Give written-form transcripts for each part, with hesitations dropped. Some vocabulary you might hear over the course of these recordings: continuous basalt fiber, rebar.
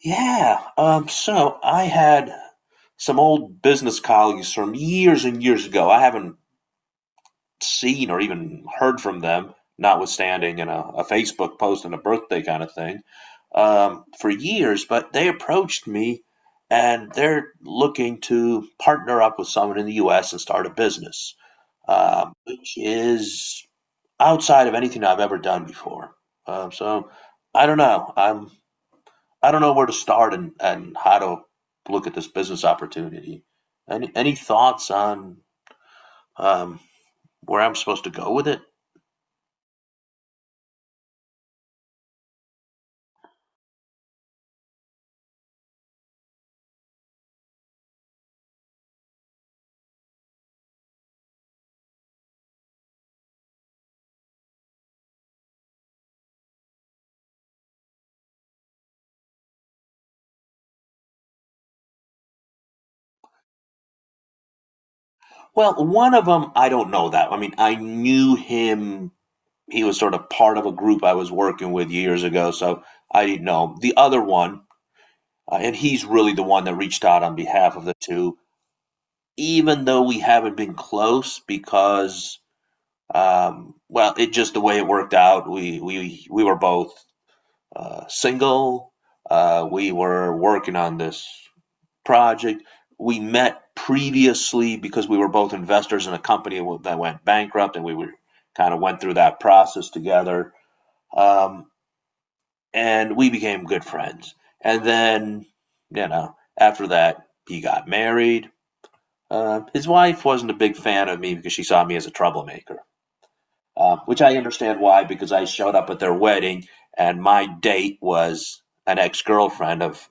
Yeah. So I had some old business colleagues from years and years ago. I haven't seen or even heard from them, notwithstanding in a Facebook post and a birthday kind of thing, for years. But they approached me and they're looking to partner up with someone in the U.S. and start a business, which is outside of anything I've ever done before. So I don't know. I don't know where to start and how to look at this business opportunity. Any thoughts on um, where I'm supposed to go with it? Well, one of them, I don't know that. I mean, I knew him. He was sort of part of a group I was working with years ago, so I didn't know. The other one, and he's really the one that reached out on behalf of the two, even though we haven't been close because, well, it just the way it worked out. We were both single. We were working on this project. We met previously because we were both investors in a company that went bankrupt, and we were kind of went through that process together. Um, and we became good friends. And then, you know, after that, he got married. His wife wasn't a big fan of me because she saw me as a troublemaker, which I understand why because I showed up at their wedding and my date was an ex girlfriend of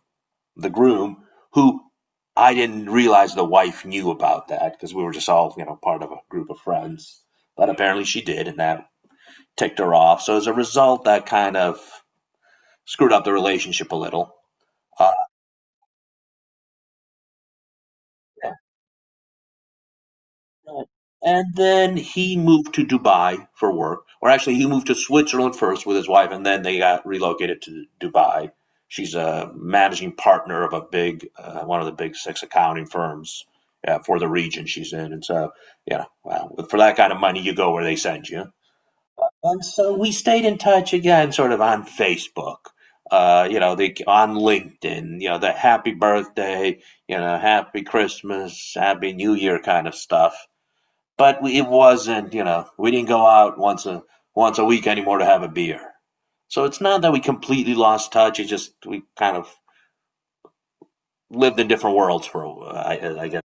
the groom, who I didn't realize the wife knew about that because we were just all, you know, part of a group of friends. But apparently she did, and that ticked her off. So as a result, that kind of screwed up the relationship a little. Uh, Right. And then he moved to Dubai for work, or actually, he moved to Switzerland first with his wife, and then they got relocated to Dubai. She's a managing partner of a big, one of the big six accounting firms for the region she's in. And so, yeah, well, for that kind of money, you go where they send you. And so we stayed in touch again, sort of on Facebook, you know, the, on LinkedIn, you know, the happy birthday, you know, happy Christmas, happy New Year kind of stuff, but we, it wasn't, you know, we didn't go out once a week anymore to have a beer. So it's not that we completely lost touch, it just we kind of lived in different worlds for, I guess.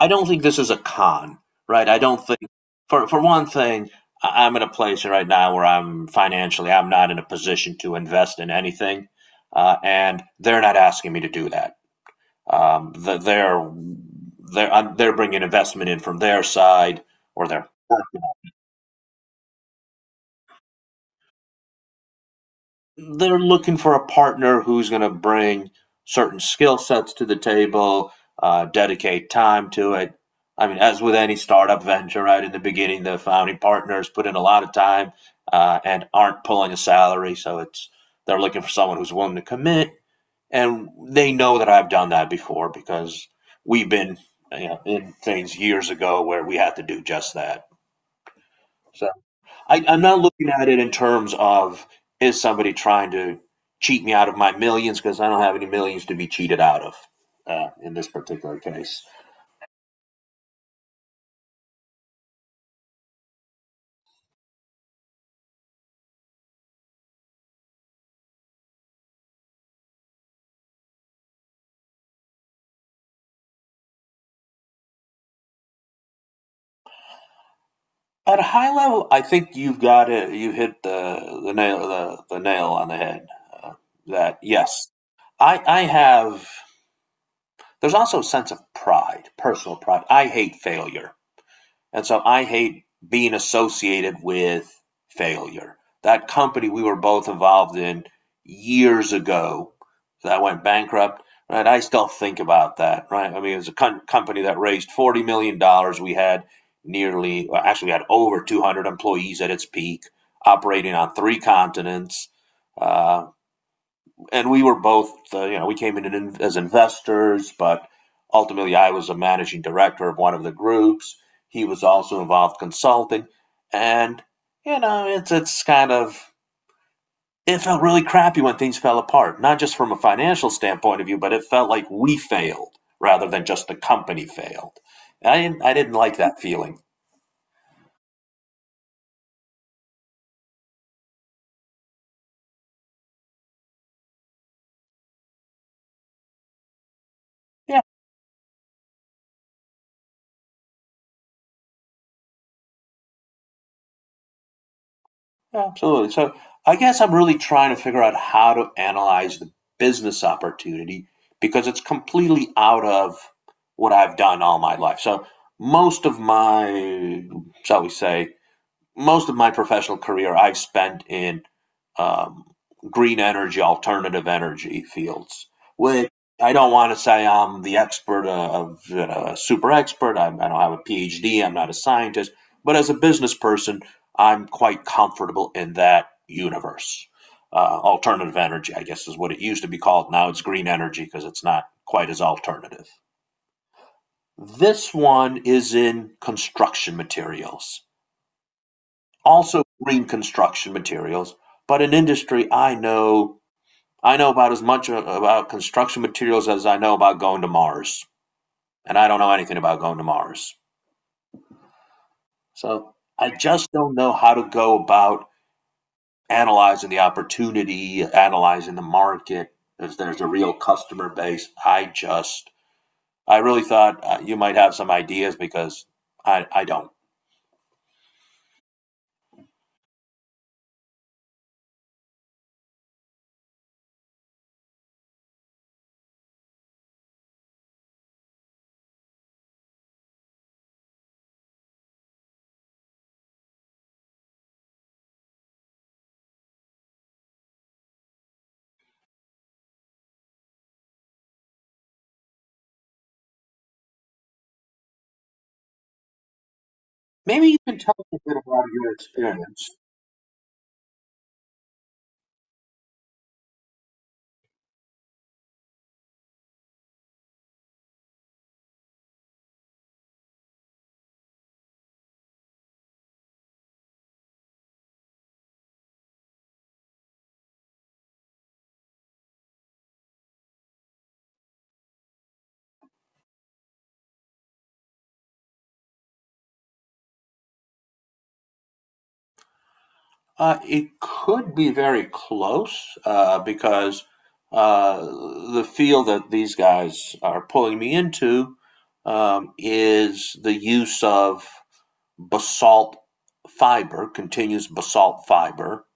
I don't think this is a con, right? I don't think, for one thing, I- am in a place right now where I'm financially I'm not in a position to invest in anything, and they're not asking me to do that. Um, they're they're bringing investment in from their side or their, they're looking for a partner who's going to bring certain skill sets to the table, dedicate time to it. I mean, as with any startup venture, right in the beginning, the founding partners put in a lot of time and aren't pulling a salary, so it's they're looking for someone who's willing to commit, and they know that I've done that before because we've been, you know, in things years ago where we had to do just that. So. I'm not looking at it in terms of is somebody trying to cheat me out of my millions because I don't have any millions to be cheated out of, in this particular case. At a high level, I think you've got it. You hit the nail on the head. Uh, that yes, I have. There's also a sense of pride, personal pride. I hate failure. And so I hate being associated with failure. That company we were both involved in years ago, so that went bankrupt, right? I still think about that, right? I mean, it was a company that raised $40 million. Dollars. We had nearly, well, actually, we had over 200 employees at its peak, operating on three continents. Uh, and we were both, you know, we came in as investors, but ultimately I was a managing director of one of the groups. He was also involved consulting, and you know, it's kind of it felt really crappy when things fell apart, not just from a financial standpoint of view, but it felt like we failed rather than just the company failed. I didn't like that feeling. Yeah. Yeah. Absolutely. So I guess I'm really trying to figure out how to analyze the business opportunity because it's completely out of what I've done all my life. So most of my, shall we say, most of my professional career I've spent in um, green energy, alternative energy fields, which I don't want to say I'm the expert of, you know, a super expert. I don't have a PhD. I'm not a scientist, but as a business person, I'm quite comfortable in that universe. Alternative energy, I guess, is what it used to be called. Now it's green energy because it's not quite as alternative. This one is in construction materials, also green construction materials, but in industry I know about as much about construction materials as I know about going to Mars, and I don't know anything about going to Mars. So I just don't know how to go about analyzing the opportunity, analyzing the market. If there's a real customer base, I really thought you might have some ideas because I don't. Maybe you can tell us a bit about your experience. It could be very close because uh, the field that these guys are pulling me into is the use of basalt fiber, continuous basalt fiber,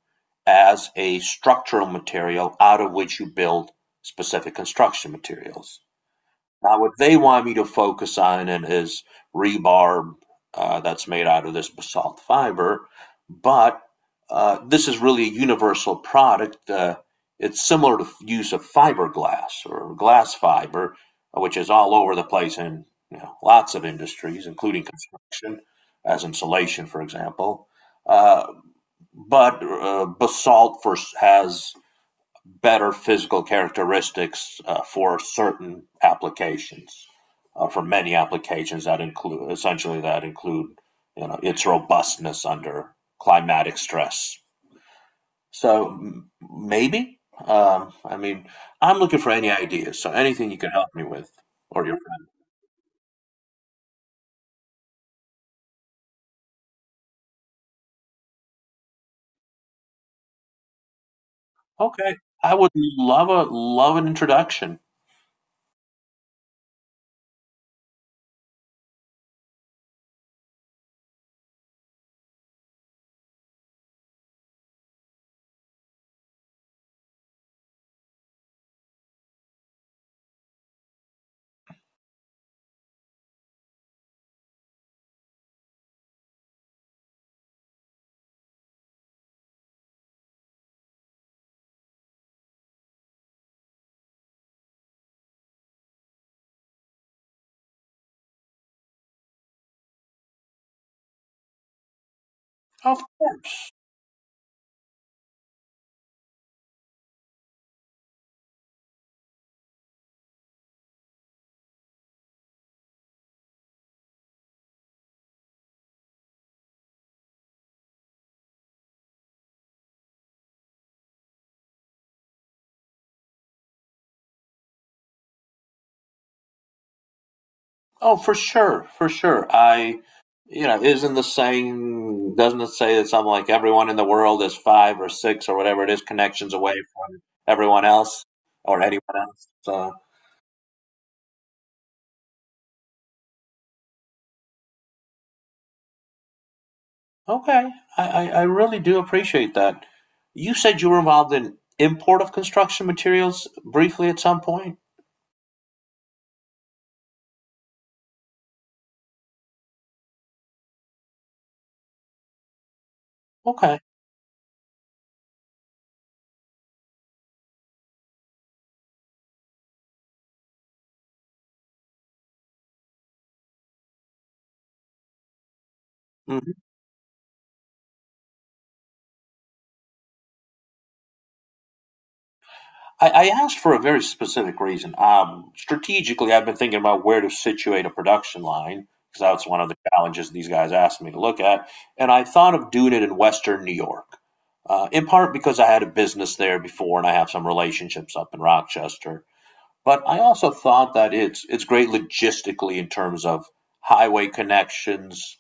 as a structural material out of which you build specific construction materials. Now, what they want me to focus on in is rebar that's made out of this basalt fiber, but this is really a universal product. It's similar to use of fiberglass or glass fiber, which is all over the place in, you know, lots of industries, including construction, as insulation, for example. Uh, but basalt for, has better physical characteristics for certain applications, for many applications that include essentially that include, you know, its robustness under climatic stress. So maybe, I mean, I'm looking for any ideas. So anything you can help me with, or your friend. Okay, I would love an introduction. Of course. Oh, for sure, for sure. I, you know, isn't the saying, doesn't it say that something like everyone in the world is five or six or whatever it is connections away from everyone else or anyone else? So, okay, I really do appreciate that. You said you were involved in import of construction materials briefly at some point. Okay. Mhm. I asked for a very specific reason. Strategically, I've been thinking about where to situate a production line because that's one of the challenges these guys asked me to look at. And I thought of doing it in Western New York, in part because I had a business there before and I have some relationships up in Rochester. But I also thought that it's great logistically in terms of highway connections,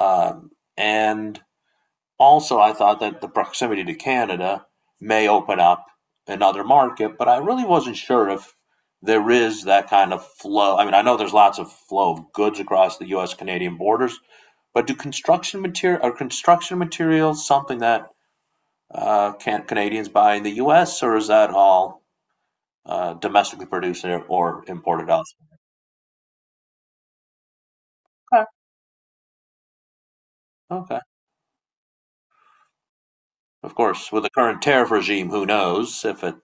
um, and also, I thought that the proximity to Canada may open up another market, but I really wasn't sure if there is that kind of flow. I mean, I know there's lots of flow of goods across the U.S. Canadian borders, but do construction material are construction materials something that can Canadians buy in the U.S. or is that all domestically produced or imported elsewhere? Okay. Okay. Of course, with the current tariff regime, who knows if it.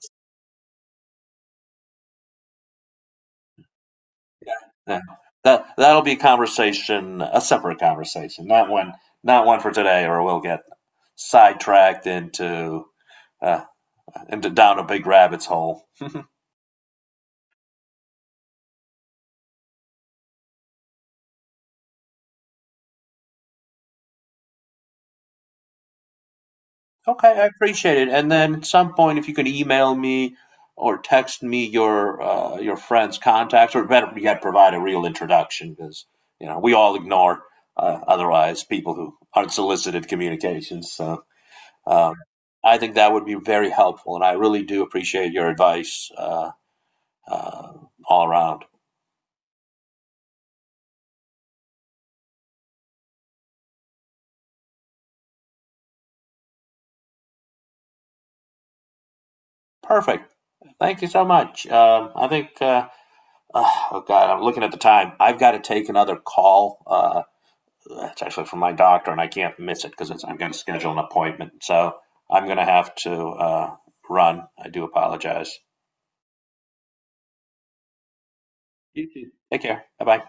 Yeah. That that'll be a conversation, a separate conversation, not one for today, or we'll get sidetracked into uh, down a big rabbit's hole. Okay, I appreciate it. And then at some point, if you could email me or text me your friend's contacts, or better yet, provide a real introduction, because you know we all ignore otherwise people who aren't solicited communications. So. Um, I think that would be very helpful, and I really do appreciate your advice uh, all around. Perfect. Thank you so much. I think, oh God, I'm looking at the time. I've got to take another call. It's actually from my doctor, and I can't miss it because I've got to schedule an appointment. So I'm going to have to run. I do apologize. You too. Take care. Bye bye.